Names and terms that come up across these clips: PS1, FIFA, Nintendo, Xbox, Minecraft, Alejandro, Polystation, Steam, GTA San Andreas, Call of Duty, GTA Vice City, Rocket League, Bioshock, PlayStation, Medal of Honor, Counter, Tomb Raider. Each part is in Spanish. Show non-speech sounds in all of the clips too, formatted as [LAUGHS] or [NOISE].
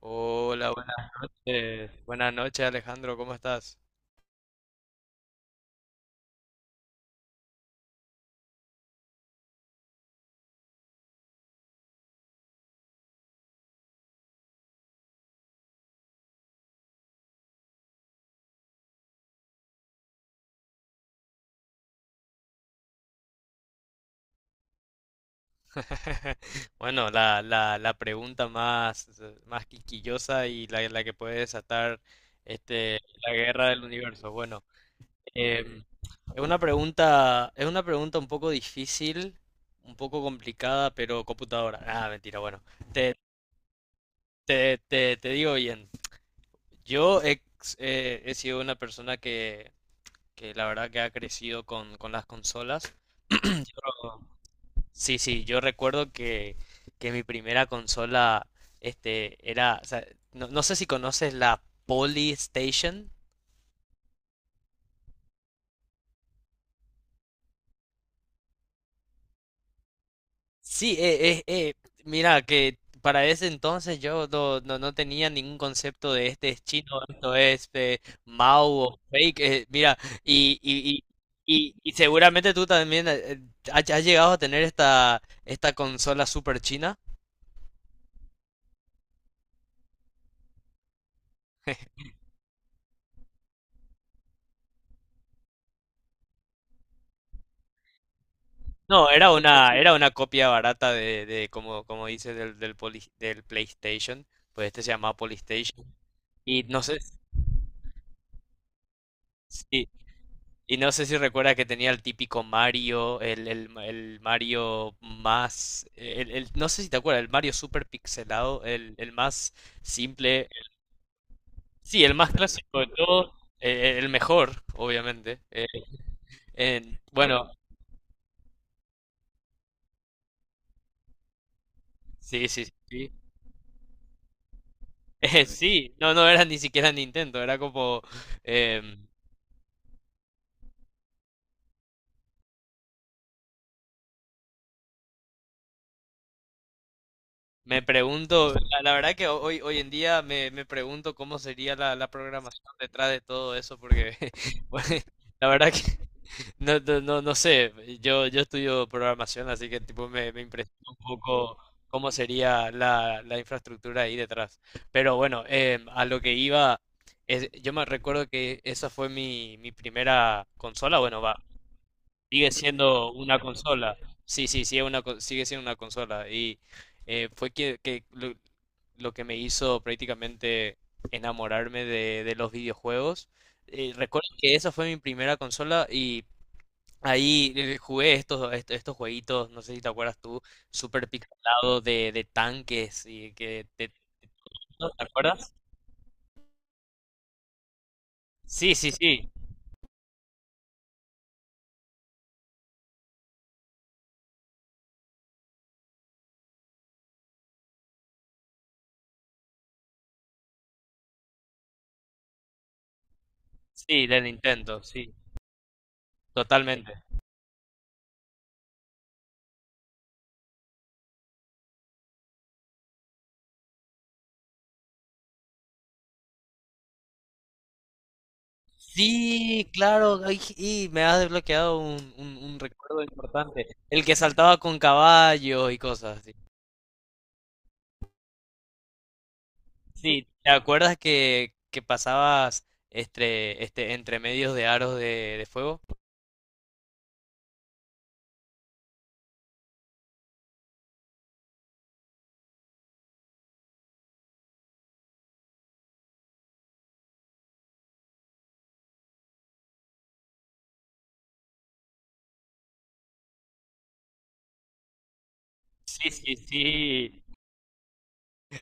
Hola, buenas noches. Buenas noches, Alejandro, ¿cómo estás? [LAUGHS] Bueno, la pregunta más quisquillosa y la que puede desatar este, la guerra del universo. Bueno, em, es una pregunta un poco difícil, un poco complicada, pero computadora. Ah, mentira, bueno. Te, te digo bien. Yo he sido una persona que la verdad que ha crecido con las consolas. [CLEARS THROAT] Yo Sí, sí, yo recuerdo que mi primera consola o sea, no sé si conoces la Polystation. Sí, mira que para ese entonces yo no tenía ningún concepto de este es chino, esto es Mao o fake, mira, y, y, y seguramente tú también has llegado a tener esta consola super china. [LAUGHS] No, era una copia barata de como dices, del PlayStation. Pues este se llamaba PlayStation. Y no sé, sí, y no sé si recuerda que tenía el típico Mario, el Mario más, no sé si te acuerdas, el Mario super pixelado, el más simple, sí, el más clásico de todos, el mejor, obviamente. Bueno, sí, sí, sí. [LAUGHS] Sí, no, no era ni siquiera Nintendo, era como. em, Me pregunto, la verdad que hoy en día me pregunto cómo sería la programación detrás de todo eso, porque [LAUGHS] bueno, la verdad que [LAUGHS] no sé, yo estudio programación, así que tipo me impresiona un poco cómo sería la infraestructura ahí detrás. Pero bueno, a lo que iba, yo me recuerdo que esa fue mi primera consola, bueno, va. Sigue siendo una consola. Sí, sí, sí, sigue siendo una consola. Y fue que lo que me hizo prácticamente enamorarme de los videojuegos. Recuerdo que esa fue mi primera consola y ahí jugué estos, jueguitos, no sé si te acuerdas tú, super pixelado de tanques y que te, ¿no? ¿Te acuerdas? Sí, sí, sí, sí, del Nintendo, sí, totalmente. Sí, claro, ay, y me has desbloqueado un recuerdo importante, el que saltaba con caballos y cosas así. Sí, ¿te acuerdas que pasabas entre medios de aros de fuego? Sí, sí, sí.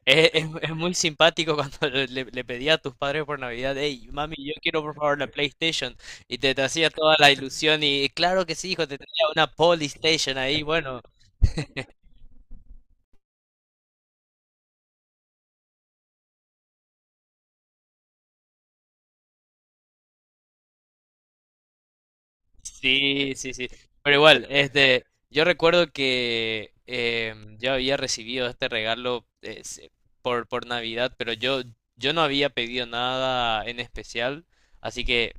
Es muy simpático cuando [LAUGHS] le pedía a tus padres por Navidad, hey, mami, yo quiero por favor la PlayStation. Y te hacía toda la ilusión y claro que sí, hijo, te tenía una Polystation ahí, bueno. Sí, sí, sí. Pero igual, yo recuerdo que yo había recibido este regalo por Navidad, pero yo no había pedido nada en especial, así que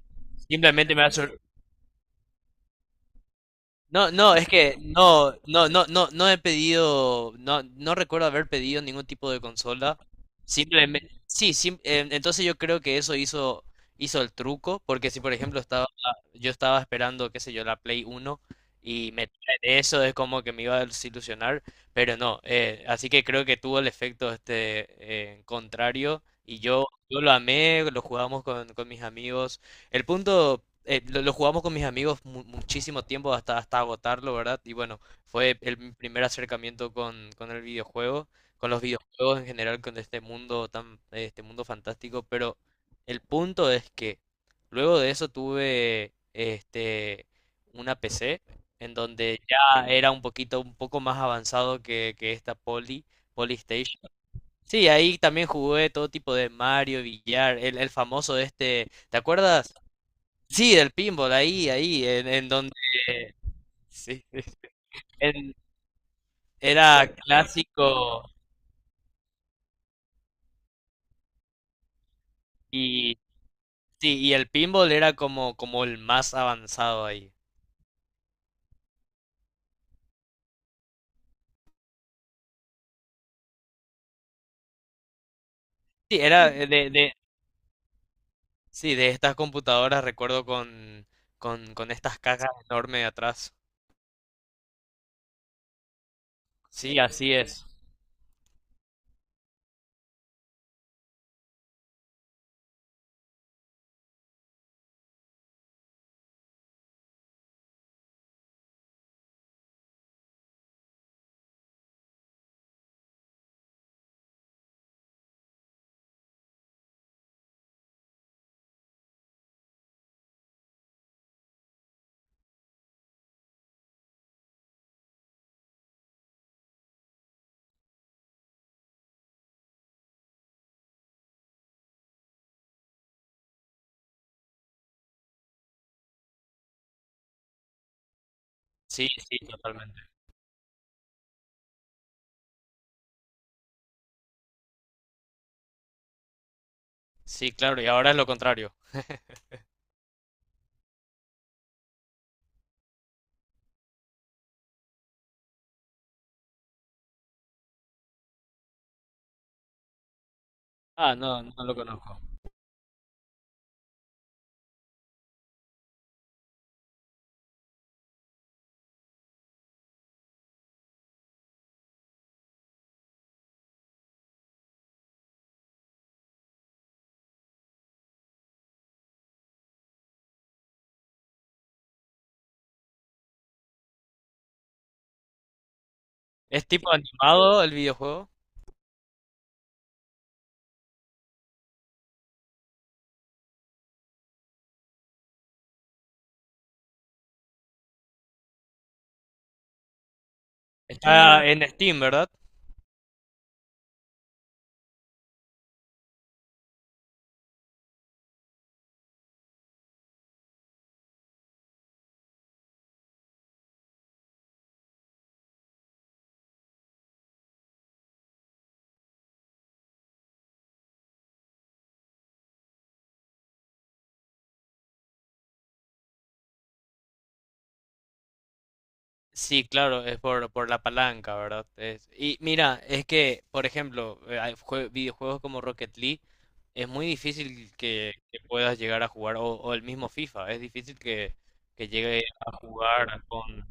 simplemente no, no, es que no he pedido, no, no recuerdo haber pedido ningún tipo de consola. Simplemente, sí, entonces yo creo que eso hizo el truco, porque si por ejemplo yo estaba esperando, qué sé yo, la Play Uno y me traen eso es como que me iba a desilusionar, pero no, así que creo que tuvo el efecto este contrario y yo lo amé, lo jugamos con mis amigos. El punto, lo jugamos con mis amigos muchísimo tiempo hasta agotarlo, ¿verdad? Y bueno, fue el mi primer acercamiento con el videojuego, con los videojuegos en general, con este mundo fantástico. Pero el punto es que luego de eso tuve una PC en donde ya era un poco más avanzado que esta Polystation. Sí, ahí también jugué todo tipo de Mario, billar, el famoso ¿te acuerdas? Sí, del pinball, ahí, en donde sí, en- era clásico y sí, y el pinball era como el más avanzado ahí. Sí, era sí, de estas computadoras, recuerdo con estas cajas enormes atrás. Sí, así es. Sí, sí, totalmente. Sí, claro, y ahora es lo contrario. [LAUGHS] Ah, no, no lo conozco. ¿Es tipo animado el videojuego? Está en Steam, ¿verdad? Sí, claro, es por la palanca, ¿verdad? Y mira, es que, por ejemplo, hay videojuegos como Rocket League, es muy difícil que puedas llegar a jugar, o el mismo FIFA, es difícil que llegue a jugar con.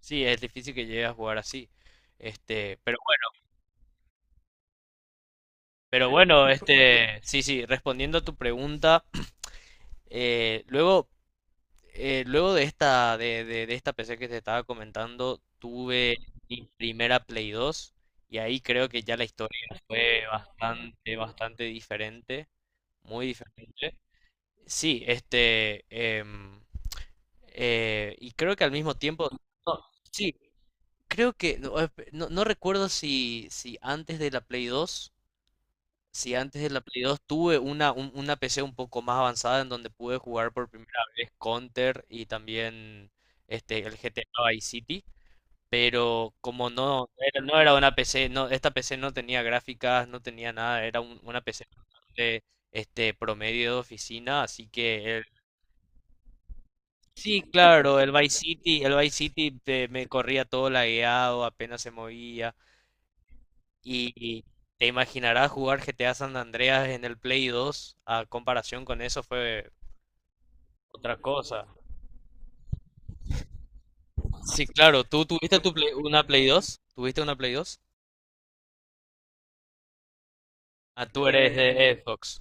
Sí, es difícil que llegue a jugar así. Este, pero bueno, pero bueno, sí, sí, respondiendo a tu pregunta, [CLEARS THROAT] eh, luego... luego de esta, de esta PC que te estaba comentando, tuve mi primera Play 2 y ahí creo que ya la historia fue bastante, bastante diferente, muy diferente. Sí, y creo que al mismo tiempo, no, sí, creo que, no, no recuerdo si antes de la Play 2 si antes de la Play 2 tuve una PC un poco más avanzada en donde pude jugar por primera vez Counter y también el GTA Vice City, pero como no era una PC, no, esta PC no tenía gráficas, no tenía nada, era una PC de promedio de oficina, así que sí, claro, el Vice City me corría todo lagueado, apenas se movía. Y te imaginarás jugar GTA San Andreas en el Play 2 a comparación con eso fue otra cosa. Sí, claro, tú tuviste una Play 2, tuviste una Play 2. Ah, tú eres de Xbox.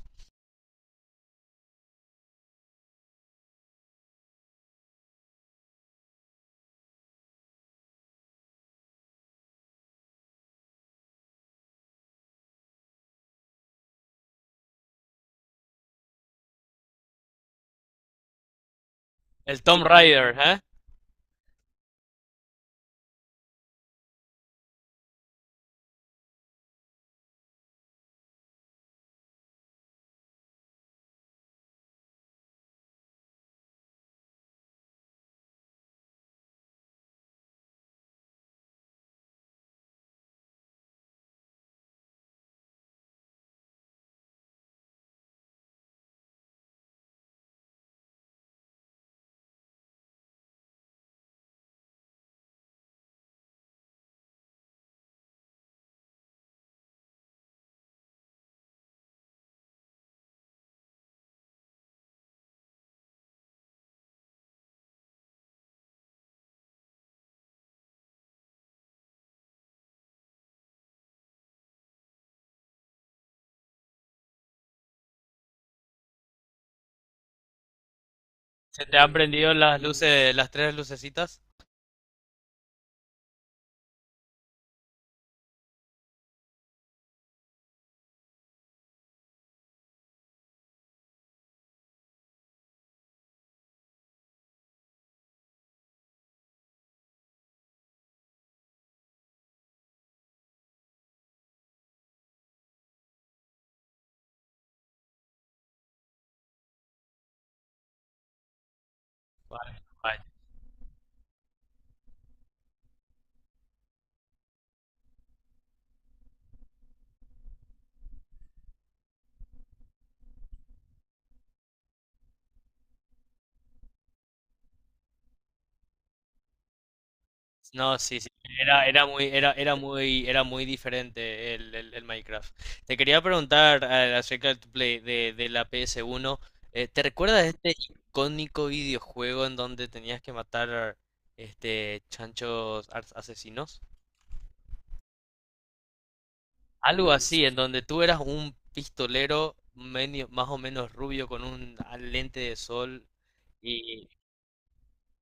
El Tomb Raider, ¿eh? ¿Se te han prendido las luces, las tres lucecitas? Vale, vaya. No, sí, sí. Era muy diferente el Minecraft. Te quería preguntar acerca de tu play de la PS1. ¿Te recuerdas de este icónico videojuego en donde tenías que matar chanchos asesinos? Algo así, en donde tú eras un pistolero más o menos rubio con un lente de sol.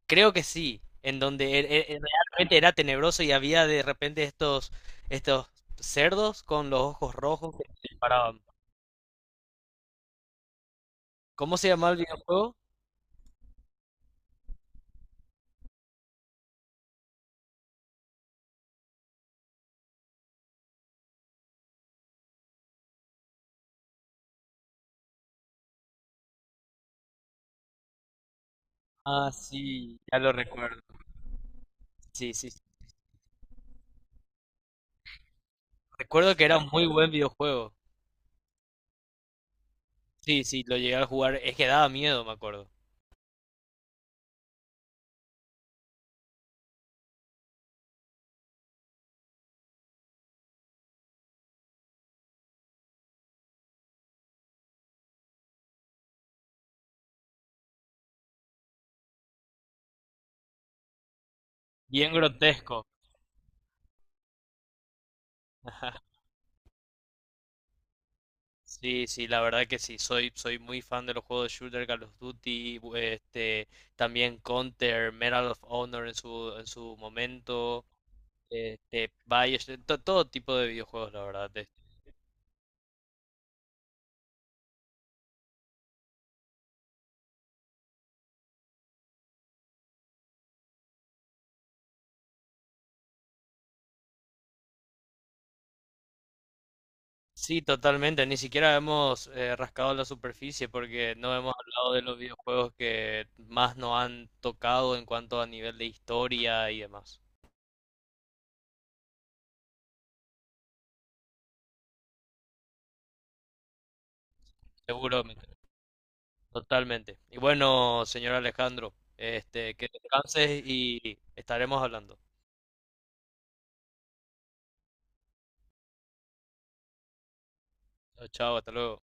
Creo que sí, en donde realmente era tenebroso y había de repente estos cerdos con los ojos rojos que te disparaban. ¿Cómo se llamaba el videojuego? Ah, sí, ya lo recuerdo. Sí, sí, sí. Recuerdo que era un muy buen videojuego. Sí, sí, lo llegué a jugar. Es que daba miedo, me acuerdo. Bien grotesco. [LAUGHS] Sí, sí, la verdad que sí. Soy muy fan de los juegos de shooter, Call of Duty, también Counter, Medal of Honor en su momento. Bioshock, todo tipo de videojuegos, la verdad. Sí, totalmente. Ni siquiera hemos rascado la superficie porque no hemos hablado de los videojuegos que más nos han tocado en cuanto a nivel de historia y demás. Seguro, totalmente. Y bueno, señor Alejandro, que descanses y estaremos hablando. Chao, chao, hasta luego.